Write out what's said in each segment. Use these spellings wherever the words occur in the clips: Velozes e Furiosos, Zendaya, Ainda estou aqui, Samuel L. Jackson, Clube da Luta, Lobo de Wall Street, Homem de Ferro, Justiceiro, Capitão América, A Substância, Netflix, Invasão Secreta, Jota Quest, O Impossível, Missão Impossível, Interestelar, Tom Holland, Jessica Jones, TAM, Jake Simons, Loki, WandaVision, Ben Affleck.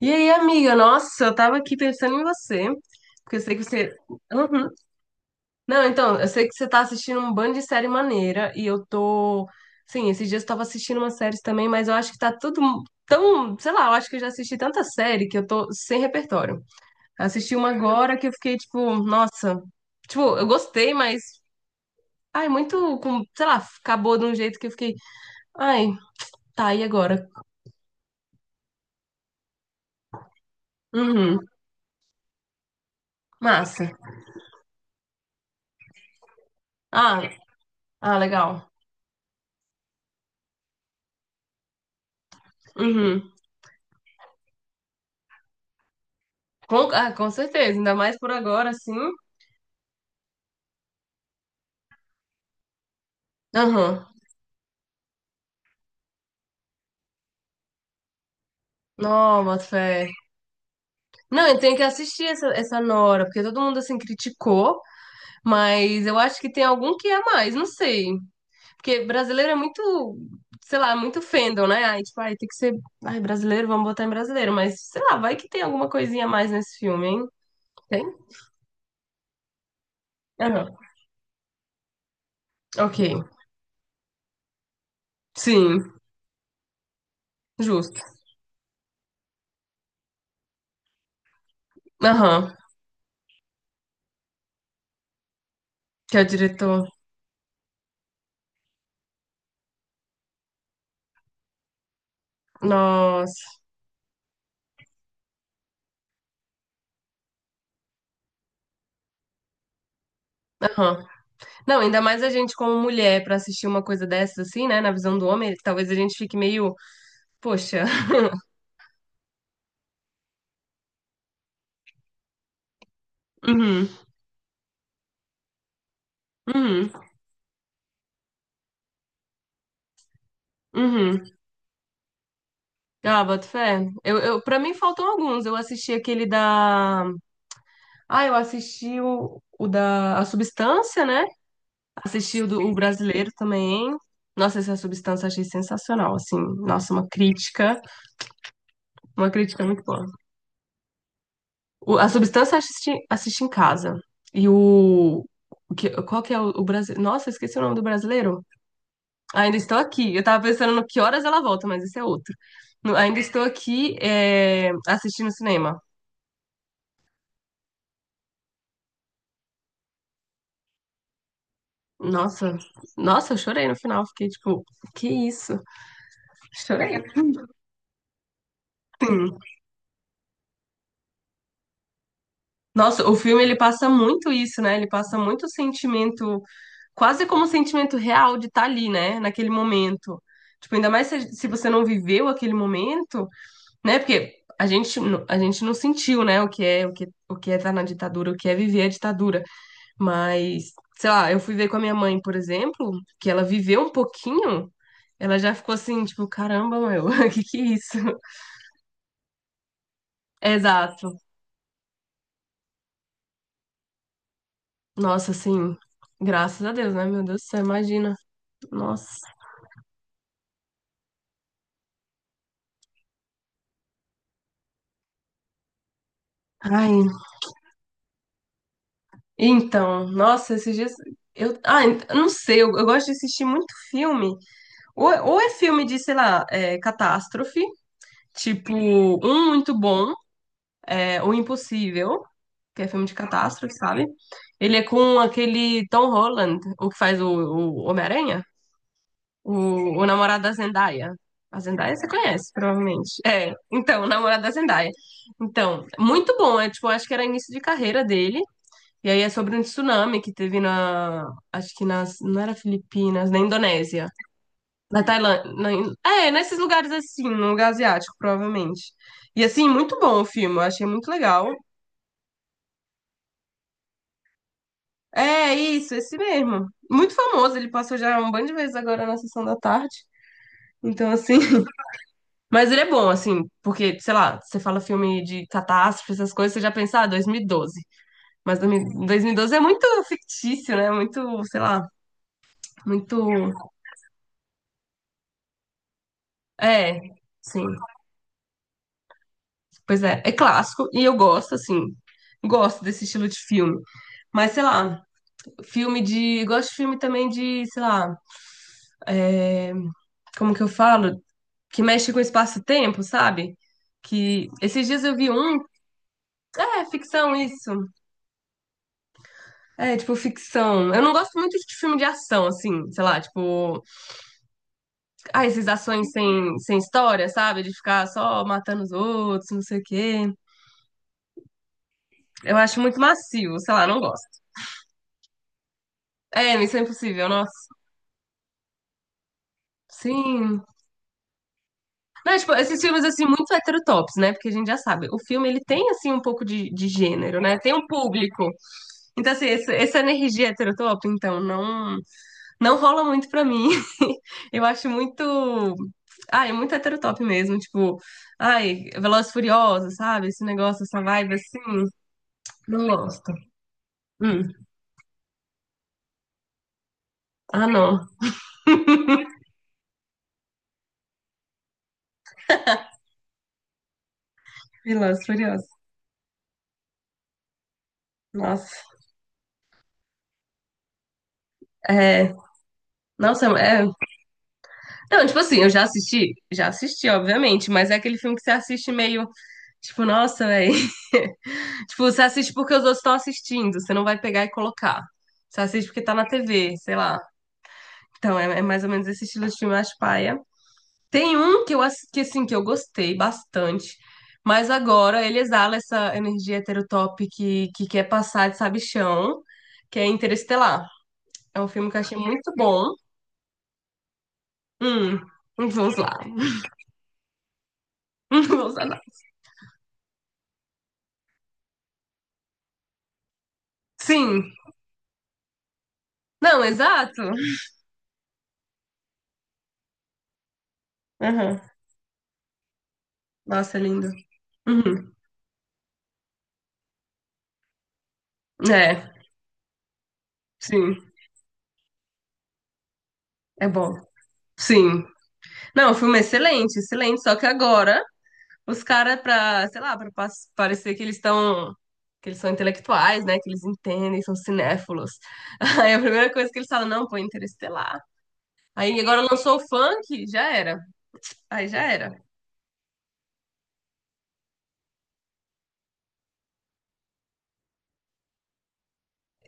E aí, amiga? Nossa, eu tava aqui pensando em você, porque eu sei que você. Uhum. Não, então, eu sei que você tá assistindo um bando de série maneira, e eu tô. Sim, esses dias eu tava assistindo umas séries também, mas eu acho que tá tudo tão. Sei lá, eu acho que eu já assisti tanta série que eu tô sem repertório. Assisti uma agora que eu fiquei tipo, nossa. Tipo, eu gostei, mas. Ai, muito. Sei lá, acabou de um jeito que eu fiquei. Ai, tá, e agora? Uhum. Massa. Ah, ah, legal. Uhum. Com certeza, ainda mais por agora, assim. Aham. Não, boto fé. Não, eu tenho que assistir essa, essa Nora, porque todo mundo, assim, criticou, mas eu acho que tem algum que é a mais, não sei. Porque brasileiro é muito, sei lá, muito fandom, né? Ai, tipo, ai, tem que ser, ai, brasileiro, vamos botar em brasileiro, mas, sei lá, vai que tem alguma coisinha a mais nesse filme, hein? Tem? Aham. Ok. Sim, justo. Aham. Que é o diretor. Nossa. Aham. Não, ainda mais a gente como mulher pra assistir uma coisa dessas assim, né, na visão do homem, talvez a gente fique meio, poxa. Uhum. Uhum. Uhum. Ah, boto fé. Para mim faltam alguns. Eu assisti aquele da. Ah, eu assisti o da A Substância, né? Assisti o do o brasileiro também. Nossa, essa substância eu achei sensacional, assim. Nossa, uma crítica muito boa. A substância eu assisti em casa. E o que, qual que é o brasileiro? Nossa, eu esqueci o nome do brasileiro. Ainda estou aqui. Eu tava pensando no que horas ela volta, mas isso é outro. Ainda estou aqui, assistindo cinema. Nossa, nossa, eu chorei no final. Fiquei tipo, que isso? Chorei. Nossa, o filme ele passa muito isso, né? Ele passa muito sentimento, quase como um sentimento real de estar ali, né? Naquele momento. Tipo, ainda mais se, se você não viveu aquele momento, né? Porque a gente não sentiu, né? O que é estar na ditadura, o que é viver a ditadura. Mas, sei lá, eu fui ver com a minha mãe, por exemplo, que ela viveu um pouquinho, ela já ficou assim, tipo, caramba, meu, que é isso? É, exato. Nossa, assim, graças a Deus, né? Meu Deus do céu, imagina. Nossa. Ai. Então, nossa, esses dias. Eu não sei, eu gosto de assistir muito filme. Ou, ou é filme de, sei lá, catástrofe, tipo, um muito bom, O Impossível. Que é filme de catástrofe, sabe? Ele é com aquele Tom Holland, o que faz o Homem-Aranha, o, o namorado da Zendaya. A Zendaya você conhece, provavelmente. É, então, o namorado da Zendaya. Então, muito bom. É tipo, acho que era início de carreira dele. E aí é sobre um tsunami que teve na. Acho que nas. Não era Filipinas, na Indonésia. Na Tailândia. Nesses lugares assim, no lugar asiático, provavelmente. E assim, muito bom o filme. Eu achei muito legal. É isso, esse mesmo. Muito famoso, ele passou já um bando de vezes agora na sessão da tarde. Então, assim. Mas ele é bom, assim, porque, sei lá, você fala filme de catástrofe, essas coisas, você já pensa, ah, 2012. Mas 2000 2012 é muito fictício, né? Muito, sei lá, muito. É, sim. Pois é, é clássico e eu gosto, assim. Gosto desse estilo de filme. Mas, sei lá, filme de. Gosto de filme também de, sei lá, é, como que eu falo? Que mexe com o espaço-tempo, sabe? Que esses dias eu vi um, é ficção isso. É, tipo ficção. Eu não gosto muito de filme de ação assim, sei lá, tipo, ah, essas ações sem história, sabe? De ficar só matando os outros, não sei o quê. Eu acho muito macio, sei lá, não gosto. É, Missão Impossível, nossa. Sim, não, tipo, esses filmes, assim, muito heterotops, né? Porque a gente já sabe, o filme, ele tem, assim, um pouco de gênero, né? Tem um público. Então, assim, essa energia heterotop, então, não rola muito pra mim. Eu acho muito... Ah, é muito heterotop mesmo, tipo... Ai, Velozes e Furiosos, sabe? Esse negócio, essa vibe, assim, não gosto. Hum. Ah, não. Velozes e Furiosos. Nossa. É... Nossa, é... Não, tipo assim, eu já assisti, obviamente, mas é aquele filme que você assiste meio, tipo, nossa, velho. Tipo, você assiste porque os outros estão assistindo, você não vai pegar e colocar. Você assiste porque tá na TV, sei lá. Então, é mais ou menos esse estilo de filme, eu acho paia. Tem um que eu, que, assim, que eu gostei bastante, mas agora ele exala essa energia heterotop que quer passar de sabichão, que é Interestelar. É um filme que eu achei muito bom. Hum, vamos lá. Vamos lá. Sim, não, exato. Aham. Nossa, é lindo. Uhum. É, sim, é bom. Sim. Não, o filme é excelente, excelente. Só que agora os caras, pra, sei lá, parecer que eles estão. Que eles são intelectuais, né? Que eles entendem, são cinéfilos. Aí a primeira coisa que eles falam, não, pô, Interestelar. Aí agora lançou o funk, já era. Aí já era.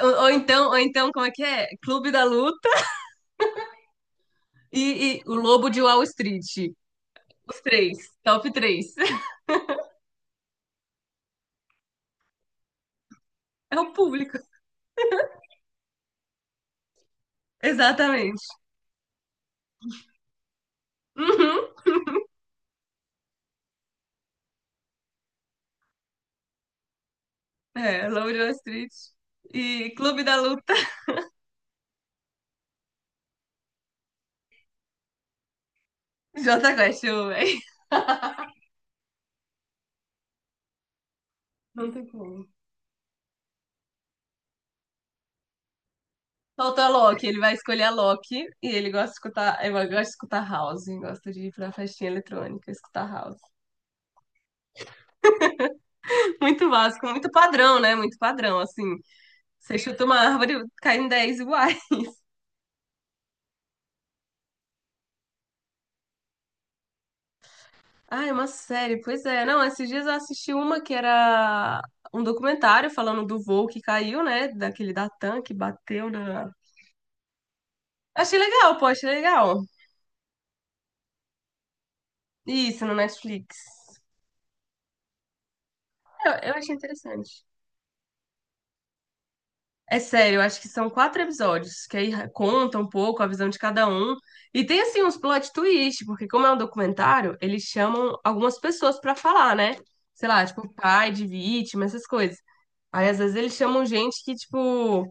Ou, ou então, como é que é? Clube da Luta e o Lobo de Wall Street. Os três, top três. É o público. Exatamente. Uhum. É, Lobo de Wall Street. E Clube da Luta. Jota Quest, eu, amo, véi. Não tem como. Falta Loki, ele vai escolher a Loki e ele gosta de escutar house, gosta de ir pra festinha eletrônica, escutar house. Muito básico, muito padrão, né? Muito padrão, assim. Você chuta uma árvore, cai em 10 iguais. Ah, é uma série, pois é. Não, esses dias eu assisti uma que era um documentário falando do voo que caiu, né? Daquele da TAM que bateu na. Achei legal, pô, achei legal. Isso, no Netflix. Eu achei interessante. É sério, eu acho que são quatro episódios, que aí conta um pouco a visão de cada um. E tem, assim, uns plot twist, porque como é um documentário, eles chamam algumas pessoas pra falar, né? Sei lá, tipo, pai de vítima, essas coisas. Aí, às vezes, eles chamam gente que, tipo...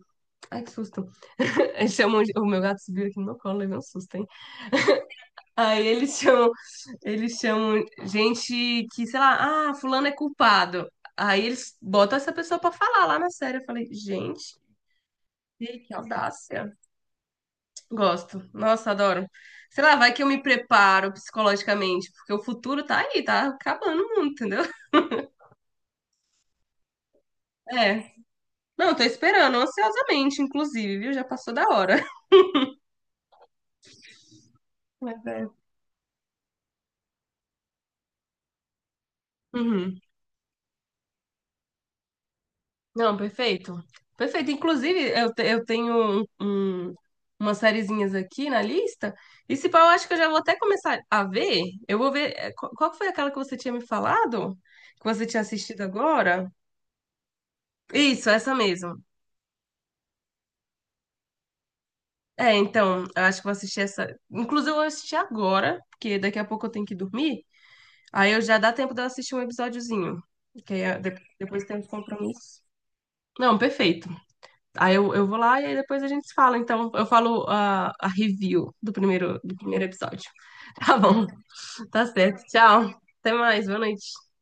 Ai, que susto. Eles chamam... O meu gato subiu aqui no meu colo, levei um susto, hein? Aí eles chamam gente que, sei lá, ah, fulano é culpado. Aí eles botam essa pessoa pra falar lá na série. Eu falei, gente, que audácia. Gosto. Nossa, adoro. Sei lá, vai que eu me preparo psicologicamente, porque o futuro tá aí, tá acabando o mundo, entendeu? É. Não, tô esperando ansiosamente, inclusive, viu? Já passou da hora. Mas é. Uhum. Não, perfeito. Perfeito. Inclusive, eu tenho um- umas sériezinhas aqui na lista. E se pá, eu acho que eu já vou até começar a ver. Eu vou ver. Qual que foi aquela que você tinha me falado? Que você tinha assistido agora? Isso, essa mesmo. É, então, eu acho que vou assistir essa. Inclusive, eu vou assistir agora, porque daqui a pouco eu tenho que dormir. Aí eu já dá tempo de eu assistir um episódiozinho. Que aí, depois tem os compromissos. Não, perfeito. Aí eu vou lá e aí depois a gente se fala. Então, eu falo a review do primeiro episódio. Tá bom, tá certo. Tchau. Até mais, boa noite.